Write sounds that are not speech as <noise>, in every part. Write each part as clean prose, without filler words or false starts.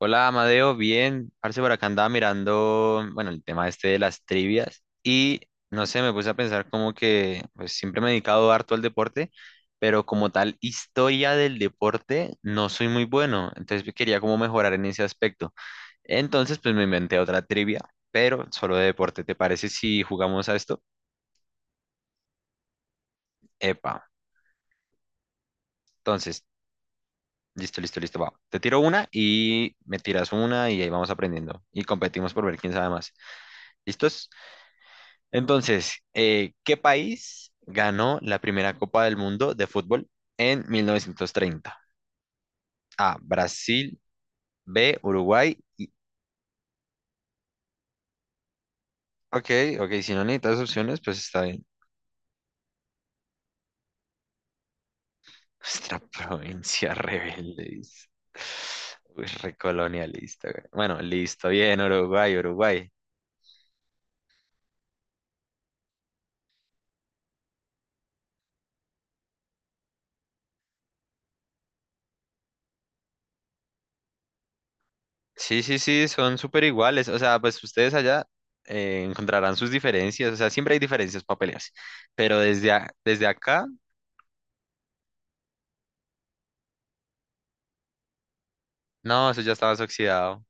Hola Amadeo, bien, parce, por acá andaba mirando, bueno, el tema este de las trivias y no sé, me puse a pensar como que pues siempre me he dedicado harto al deporte, pero como tal historia del deporte no soy muy bueno, entonces pues, quería como mejorar en ese aspecto. Entonces pues me inventé otra trivia, pero solo de deporte, ¿te parece si jugamos a esto? Epa, entonces, listo, listo, listo, va. Te tiro una y me tiras una y ahí vamos aprendiendo y competimos por ver quién sabe más. ¿Listos? Entonces, ¿qué país ganó la primera Copa del Mundo de fútbol en 1930? A, Brasil. B, Uruguay. Ok, ok, si no necesitas opciones, pues está bien. <laughs> Nuestra provincia rebelde, dice. Uy, recolonialista, güey. Bueno, listo, bien, Uruguay, Uruguay. Sí, sí, sí, son súper iguales. O sea, pues ustedes allá encontrarán sus diferencias. O sea, siempre hay diferencias para pelearse. Pero desde acá, no, eso ya está más oxidado.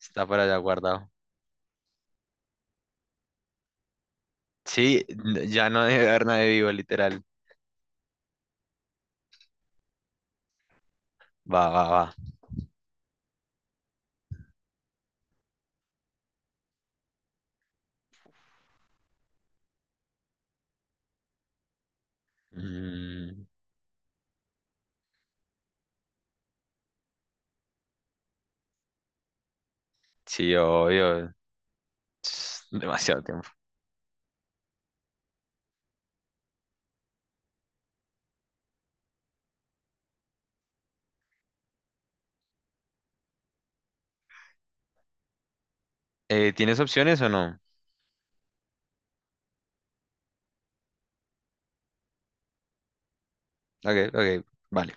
Está por allá guardado. Sí, ya no debe haber nadie vivo, literal. Va, va, va. Mm, sí, obvio. Tss, demasiado tiempo. ¿Tienes opciones o no? Ok, ok, vale.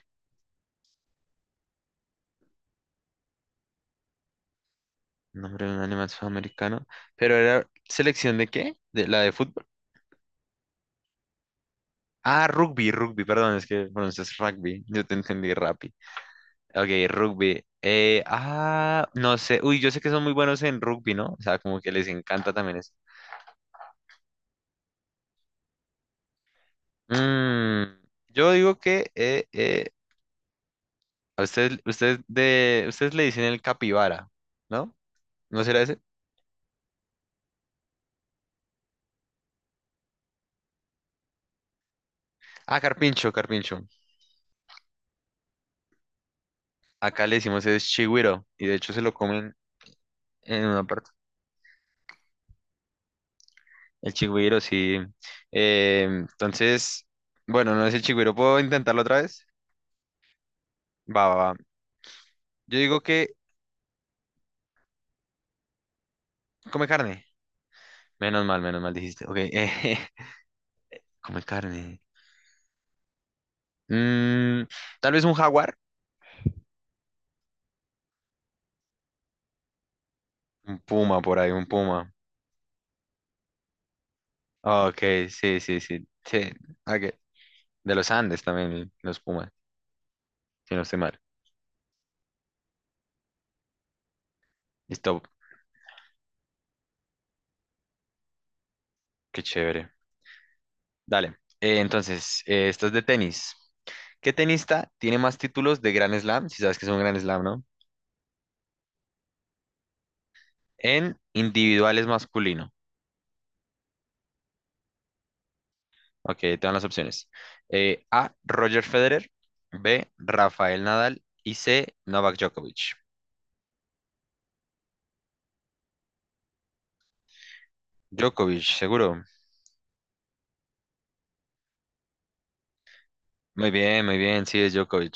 Nombre de un animal sudamericano. ¿Pero era selección de qué? ¿De la de fútbol? Ah, rugby, rugby, perdón, es que pronuncias rugby. Yo te entendí rugby. Ok, rugby. No sé. Uy, yo sé que son muy buenos en rugby, ¿no? O sea, como que les encanta también eso. Mm, yo digo que a usted, ustedes le dicen el capibara, ¿no? ¿No será ese? Ah, carpincho, carpincho. Acá le decimos es chigüiro y de hecho se lo comen en una parte. El chigüiro, sí. Eh, entonces, bueno, no es el chigüiro. ¿Puedo intentarlo otra vez? Va, va, va. Yo digo que come carne. Menos mal dijiste. Ok, <laughs> come carne. Mm, tal vez un jaguar. Un puma por ahí, un puma. Ok, sí, sí, sí. Sí, ok. De los Andes también, los pumas, si no estoy mal. Listo, qué chévere. Dale. Esto es de tenis. ¿Qué tenista tiene más títulos de Grand Slam? Si sabes que es un Grand Slam, ¿no? En individuales masculino. Ok, te dan las opciones. A, Roger Federer. B, Rafael Nadal. Y C, Novak Djokovic. Djokovic, seguro. Muy bien, sí es Djokovic.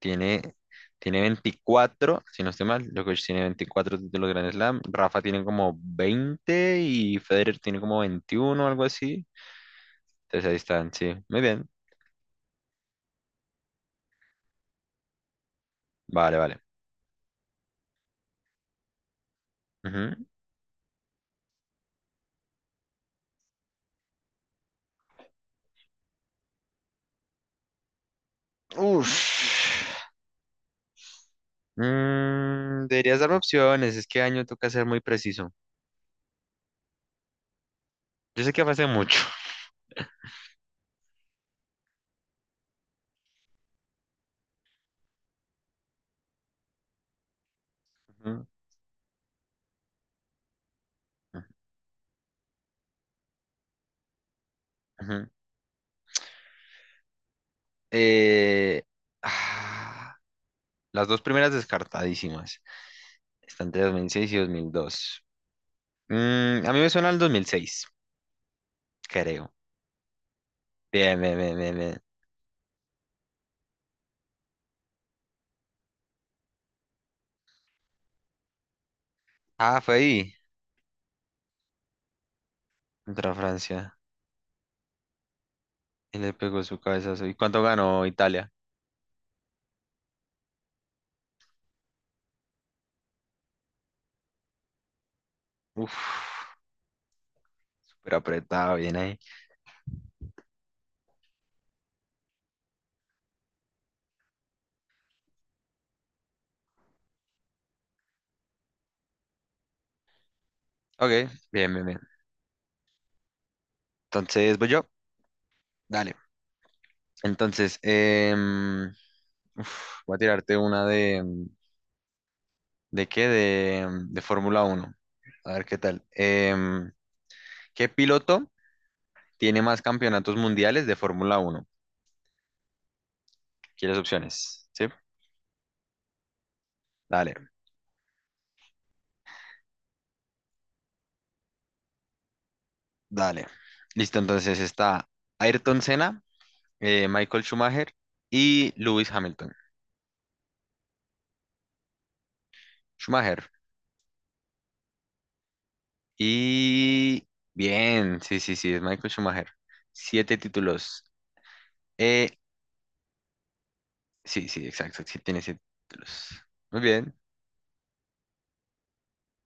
tiene, Tiene 24 si no estoy mal, Djokovic tiene 24 títulos de Grand Slam, Rafa tiene como 20 y Federer tiene como 21 o algo así. Entonces ahí están, sí, muy bien. Vale, vale. Ujú. Uf. Mm, deberías darme opciones, es que año toca ser muy preciso. Yo sé que fue hace mucho. Ujú, ujú, ujú. Eh, ah, las dos primeras descartadísimas. Están entre 2006 y 2002. Mm, a mí me suena al 2006 creo. Bien, bien, bien, bien, bien. Ah, fue ahí, contra Francia. Y le pegó su cabezazo. ¿Y cuánto ganó Italia? Uf, súper apretado, bien ahí. Ok, bien, bien, bien. Entonces, voy yo. Dale. Entonces, em, voy a tirarte una de... ¿De qué? De, de Fórmula Uno. A ver qué tal. ¿Qué piloto tiene más campeonatos mundiales de Fórmula Uno? ¿Quieres opciones? Sí. Dale, dale. Listo, entonces está Ayrton Senna, Michael Schumacher y Lewis Hamilton. Schumacher. Y bien, sí, sí, sí, es Michael Schumacher. Siete títulos. Eh, sí, sí, exacto, sí tiene siete títulos. Muy bien.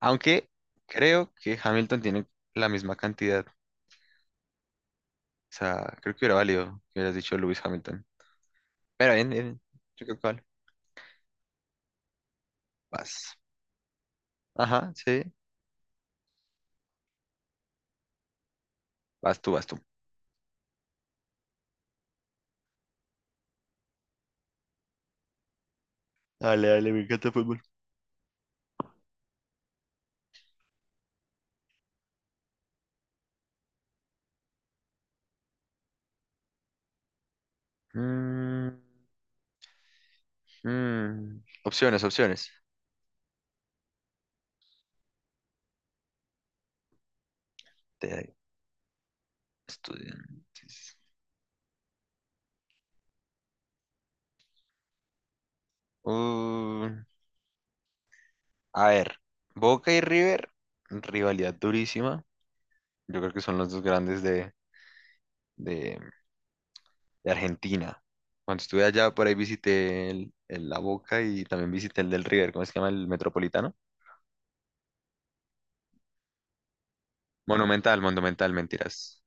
Aunque creo que Hamilton tiene la misma cantidad. O sea, creo que hubiera valido que hubieras dicho Lewis Hamilton. Pero bien, bien. Yo creo que vale. Vas. Ajá, sí. Vas tú, vas tú. Dale, dale, me encanta el fútbol. Mm, mm. Opciones, opciones. Estudiantes. Uh, a ver, Boca y River, rivalidad durísima. Yo creo que son los dos grandes de- de Argentina. Cuando estuve allá, por ahí visité el La Boca y también visité el del River, ¿cómo se llama? El Metropolitano. Monumental, Monumental, mentiras.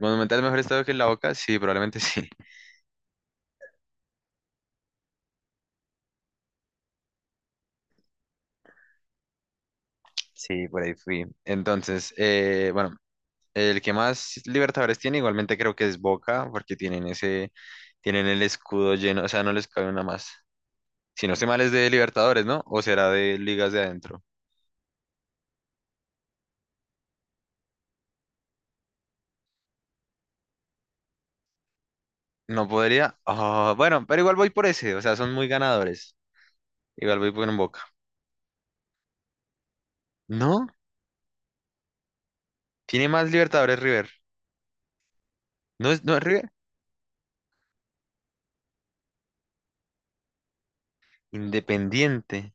¿Monumental mejor estado que el La Boca? Sí, probablemente sí. <laughs> Sí, por ahí fui. Entonces, bueno, el que más Libertadores tiene, igualmente creo que es Boca, porque tienen ese, tienen el escudo lleno, o sea, no les cabe una más. Si no estoy mal es de Libertadores, ¿no? O será de ligas de adentro. No podría. Ah, bueno, pero igual voy por ese, o sea, son muy ganadores. Igual voy por un Boca. No, tiene más Libertadores River. No es, no es River. Independiente.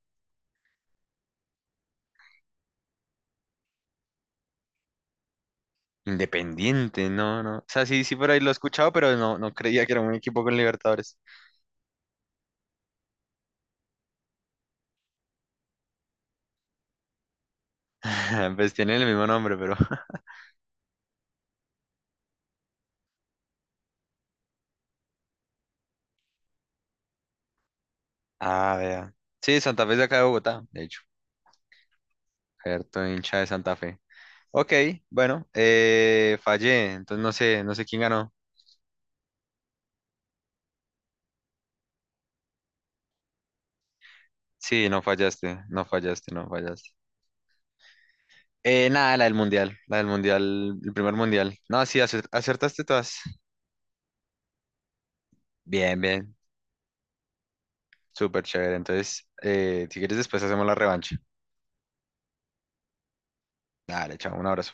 Independiente, no, no. O sea, sí, sí por ahí lo he escuchado, pero no, no creía que era un equipo con Libertadores. <laughs> Pues tienen el mismo nombre, pero. Ah, vea. Sí, Santa Fe es de acá de Bogotá, de hecho. Cierto, hincha de Santa Fe. Ok, bueno, fallé, entonces no sé, no sé quién ganó. Sí, no fallaste, no fallaste, no fallaste. Nada, la del mundial, el primer mundial. No, sí, acertaste todas. Bien, bien, súper chévere. Entonces, si quieres después hacemos la revancha. Dale, chao, un abrazo.